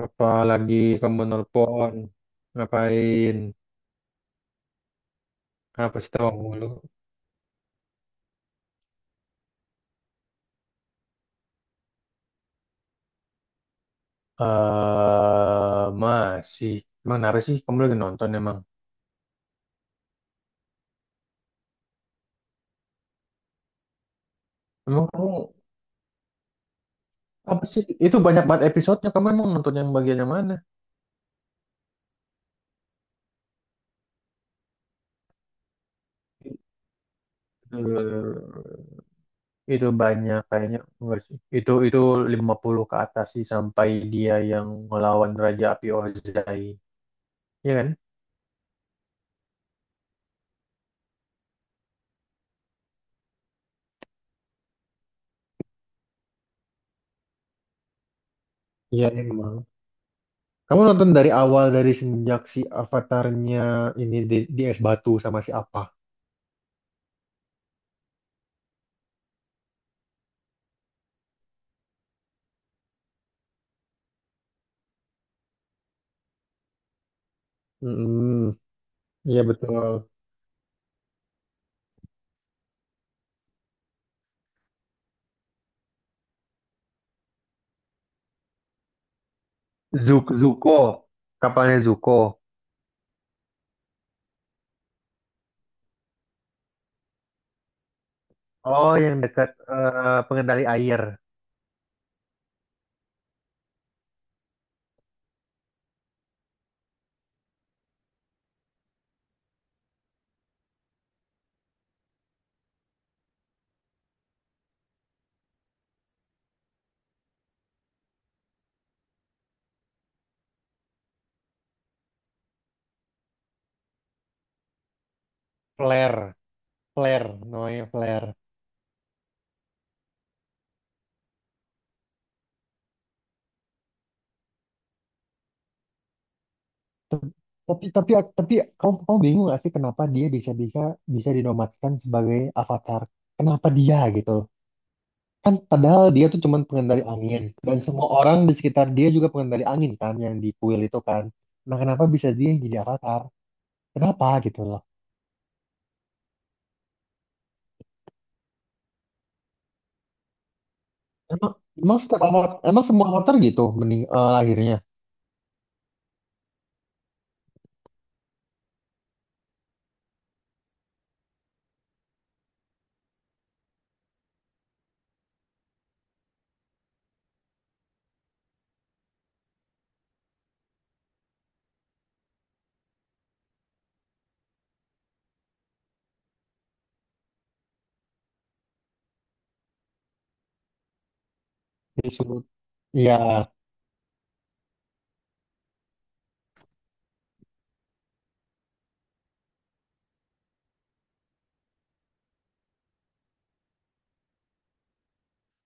Apa lagi kamu nelpon? Ngapain? Apa sih tahu mulu? Eh, masih. Emang kenapa sih? Kamu lagi nonton emang? Emang kamu apa sih? Itu banyak banget episodenya. Kamu emang nonton yang bagian yang mana? Eh, itu banyak kayaknya enggak sih. Itu 50 ke atas sih sampai dia yang ngelawan Raja Api Ozai. Iya kan? Iya emang. Kamu nonton dari awal dari semenjak si avatarnya ini di es batu sama si apa? Mm-mm. Iya betul. Zuko, kapalnya Zuko. Oh, yang dekat pengendali air. Flare, flare, namanya flare. Tep- Tapi tapi tapi kamu kamu bingung gak sih kenapa dia bisa bisa bisa dinobatkan sebagai avatar? Kenapa dia gitu? Kan padahal dia tuh cuman pengendali angin dan semua orang di sekitar dia juga pengendali angin kan yang di kuil itu kan. Nah, kenapa bisa dia yang jadi avatar? Kenapa gitu. Emang, emang setiap emang semua motor gitu lahirnya disuruh. Ya,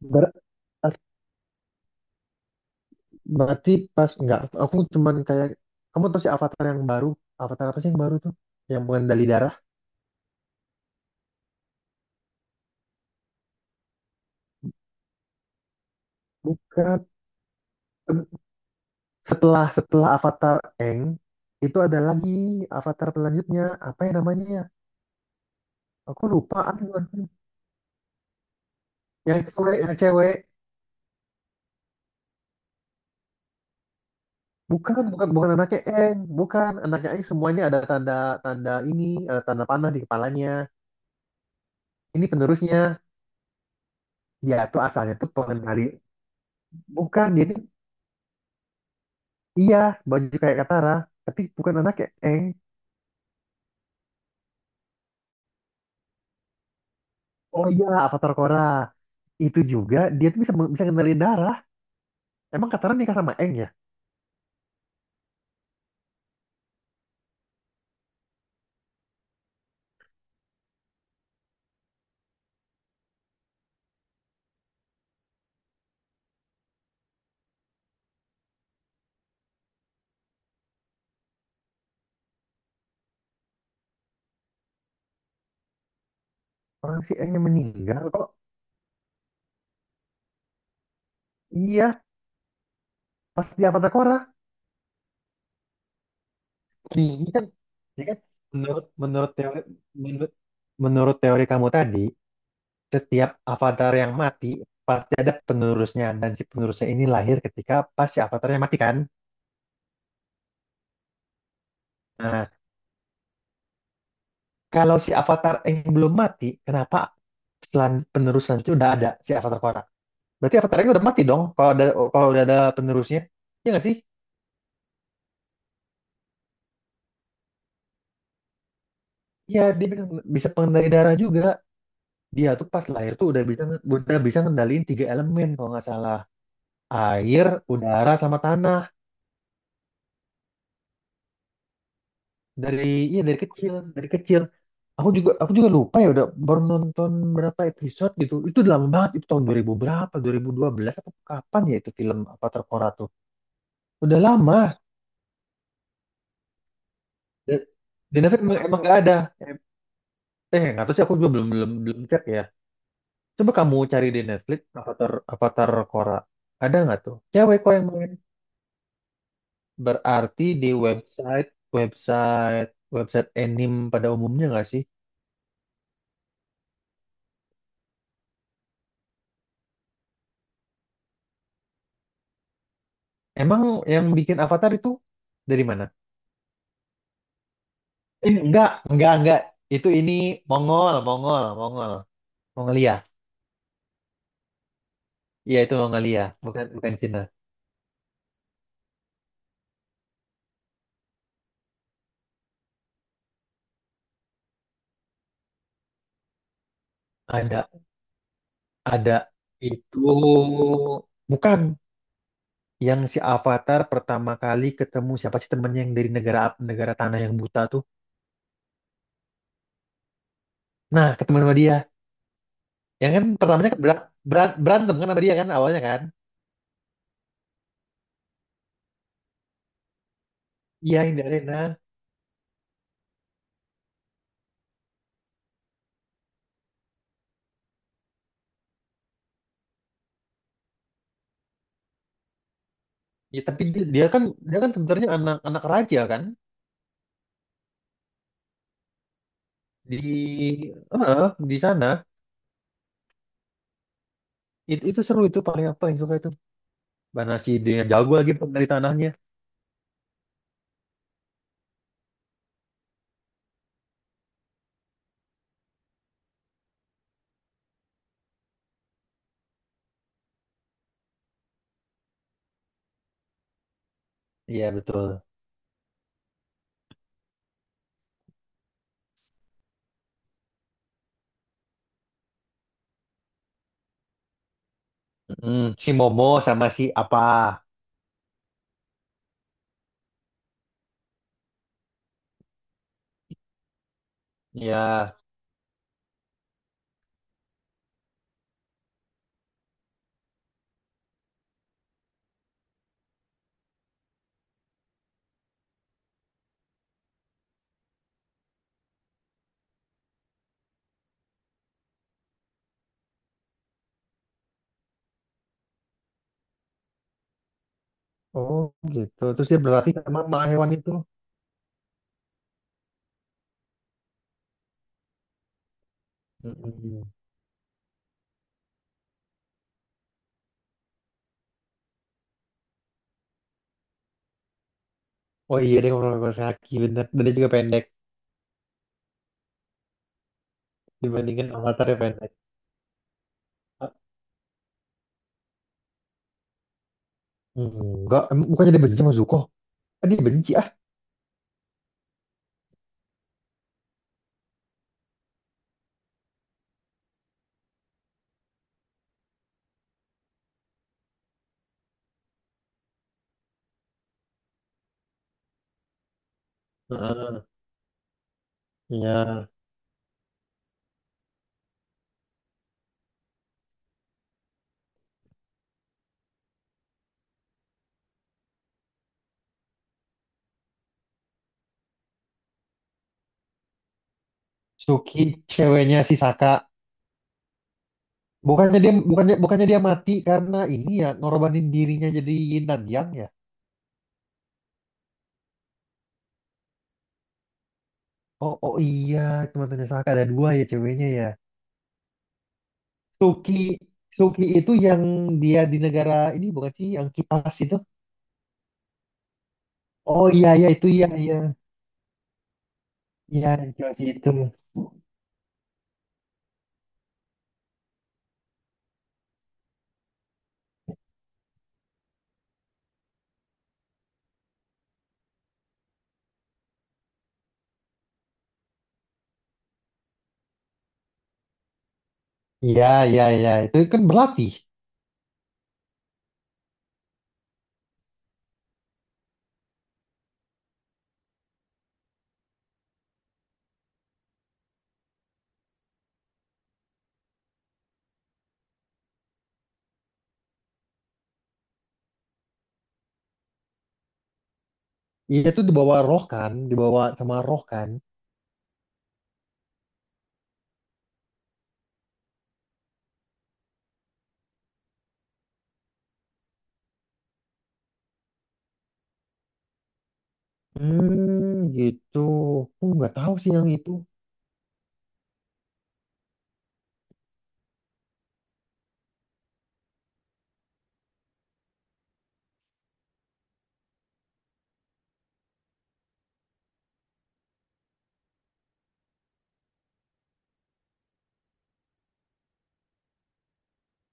ber- berarti pas enggak aku cuman kayak kamu tahu si avatar yang baru, avatar apa sih yang baru tuh? Yang mengendali darah? Bukan. Setelah setelah avatar Eng itu ada lagi avatar selanjutnya apa ya namanya ya? Aku lupa. Aduh, aduh. Yang cewek, yang cewek. Bukan, bukan, bukan anaknya Eng, bukan anaknya Eng semuanya ada tanda tanda ini, ada tanda panah di kepalanya. Ini penerusnya. Dia tuh asalnya tuh pengen nari, bukan jadi iya baju kayak Katara tapi bukan anak kayak Eng. Oh iya, Avatar Korra itu juga dia tuh bisa bisa ngendaliin darah. Emang Katara nikah sama Eng ya? Orang si Eng yang meninggal kok. Iya pas di Avatar Korra. Ini kan ini kan menurut menurut teori menurut menurut teori kamu tadi, setiap avatar yang mati pasti ada penerusnya dan si penerusnya ini lahir ketika pas si avatarnya mati kan. Nah, kalau si avatar Aang belum mati, kenapa penerus selanjutnya udah ada si avatar Korra? Berarti avatar Aang udah mati dong kalau udah ada penerusnya. Iya nggak sih? Iya, dia bisa, pengendali darah juga. Dia tuh pas lahir tuh udah bisa ngendaliin tiga elemen kalau nggak salah. Air, udara, sama tanah. Dari iya dari kecil, dari kecil. Aku juga lupa ya udah baru nonton berapa episode gitu. Itu udah lama banget, itu tahun 2000 berapa? 2012 atau kapan ya itu film Avatar Korra tuh? Udah lama. Di Netflix emang nggak ada. Eh, nggak tahu sih aku juga belum belum belum cek ya. Coba kamu cari di Netflix Avatar Avatar Korra. Ada nggak tuh? Cewek kok yang main. Berarti di website website website anime pada umumnya nggak sih? Emang yang bikin Avatar itu dari mana? Eh, enggak, enggak. Itu ini Mongol, Mongol, Mongol, Mongolia. Iya, itu Mongolia, bukan bukan Cina. Ada, ada. Itu bukan. Yang si Avatar pertama kali ketemu siapa sih temennya yang dari negara negara tanah yang buta tuh. Nah, ketemu sama dia. Yang kan pertamanya kan berantem kan sama dia kan awalnya kan. Iya, yang dari nah. Ya, tapi dia, dia kan sebenarnya anak anak raja kan di di sana. Itu seru itu paling apa yang suka itu. Mana si dia yang jago lagi dari tanahnya. Iya, betul. Mm, si Momo sama si apa? Iya. Oh, gitu. Terus dia berlatih sama sama hewan itu. Mm. Oh iya deh ngomong sama Saki bener. Dan dia juga pendek dibandingkan Avatar yang pendek. Ah, enggak, emang bukannya dia benci sama Zuko? Ah, dia benci ah. Heeh. Iya. Suki ceweknya si Saka. Bukannya dia mati karena ini ya ngorbanin dirinya jadi yin dan yang ya. Oh iya, cuma tanya Saka ada dua ya ceweknya ya. Suki Suki itu yang dia di negara ini bukan sih yang kipas itu? Oh iya iya itu iya iya. Iya, yang kipas itu. Iya, iya, iya. Itu kan berlatih. Iya tuh dibawa roh kan, dibawa sama roh kan. Hmm, gitu. Aku nggak tahu sih yang itu.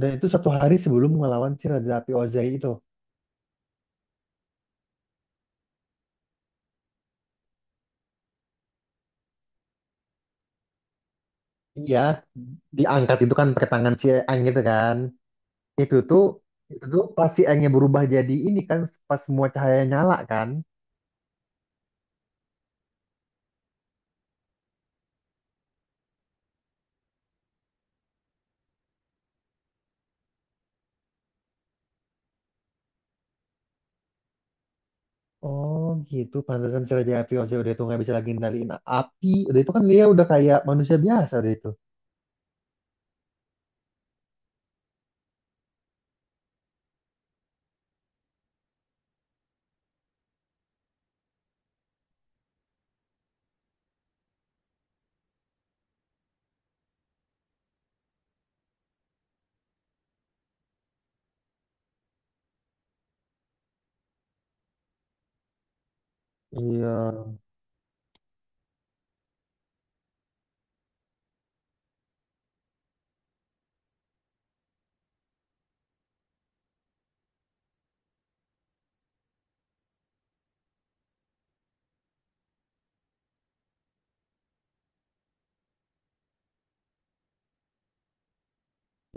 Dan itu satu hari sebelum melawan si Raja Api Ozai itu. Iya, diangkat itu kan pakai tangan si Aang gitu kan. Itu tuh, itu tuh pas si Aangnya berubah jadi ini kan, pas semua cahaya nyala kan. Oh gitu, pantesan si Raja Api Ozai udah itu nggak bisa lagi ngendaliin api. Udah itu kan dia udah kayak manusia biasa udah itu. Iya,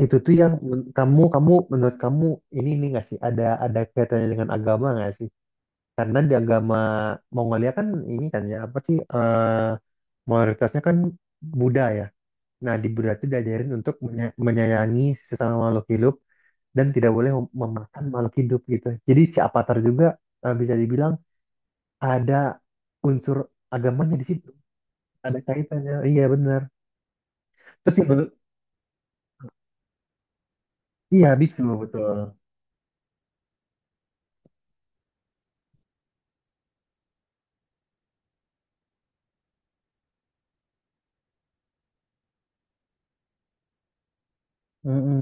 itu tuh yang kamu kamu menurut kamu ini nggak sih ada kaitannya dengan agama nggak sih? Karena di agama Mongolia kan ini kan ya apa sih mayoritasnya kan Buddha ya. Nah di Buddha itu diajarin untuk menyayangi sesama makhluk hidup dan tidak boleh memakan makhluk hidup gitu. Jadi si Avatar juga bisa dibilang ada unsur agamanya di situ. Ada kaitannya. Iya benar. Terus iya biksu betul. Mm-mm.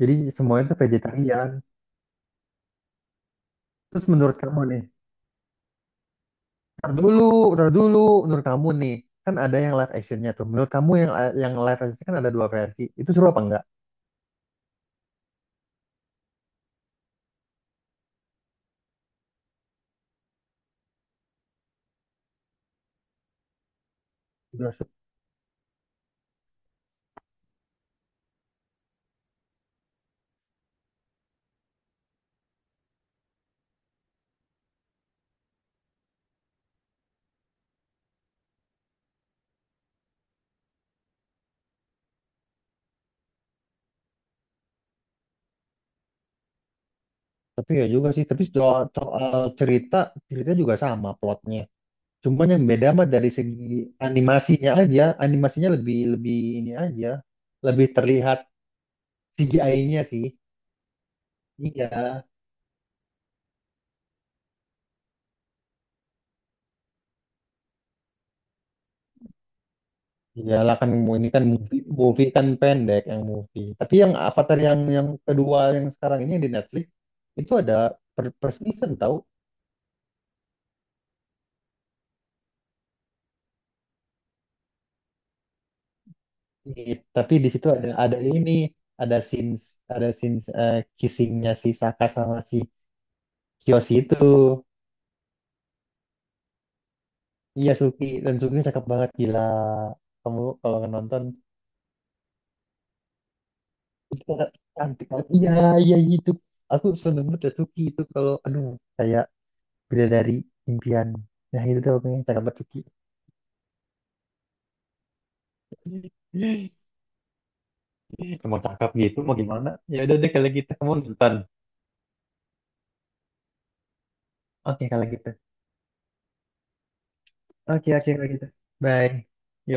Jadi semuanya itu vegetarian. Terus menurut kamu nih, tar dulu, tar dulu, menurut kamu nih, kan ada yang live actionnya tuh. Menurut kamu yang live action kan ada dua versi. Itu seru apa enggak? Juga seru. Tapi ya juga sih, tapi soal cerita, cerita juga sama plotnya. Cuman yang beda mah dari segi animasinya aja, animasinya lebih lebih ini aja, lebih terlihat CGI-nya sih. Iya. Iyalah kan ini kan movie, movie kan pendek yang movie. Tapi yang Avatar yang kedua yang sekarang ini yang di Netflix itu ada per season tahu. Iya, tapi di situ ada scenes ada scenes kissingnya si Saka sama si Kyoshi itu. Iya Suki dan Suki cakep banget gila. Kamu kalau nggak nonton itu sangat cantik banget. Iya iya itu. Aku seneng banget ya Suki itu kalau aduh kayak beda dari impian. Nah itu tuh pokoknya cakep banget Suki. Emang cakep gitu mau gimana? Ya udah deh kalau gitu kamu nonton. Oke kalau gitu. Oke oke kalau gitu. Bye. Yo.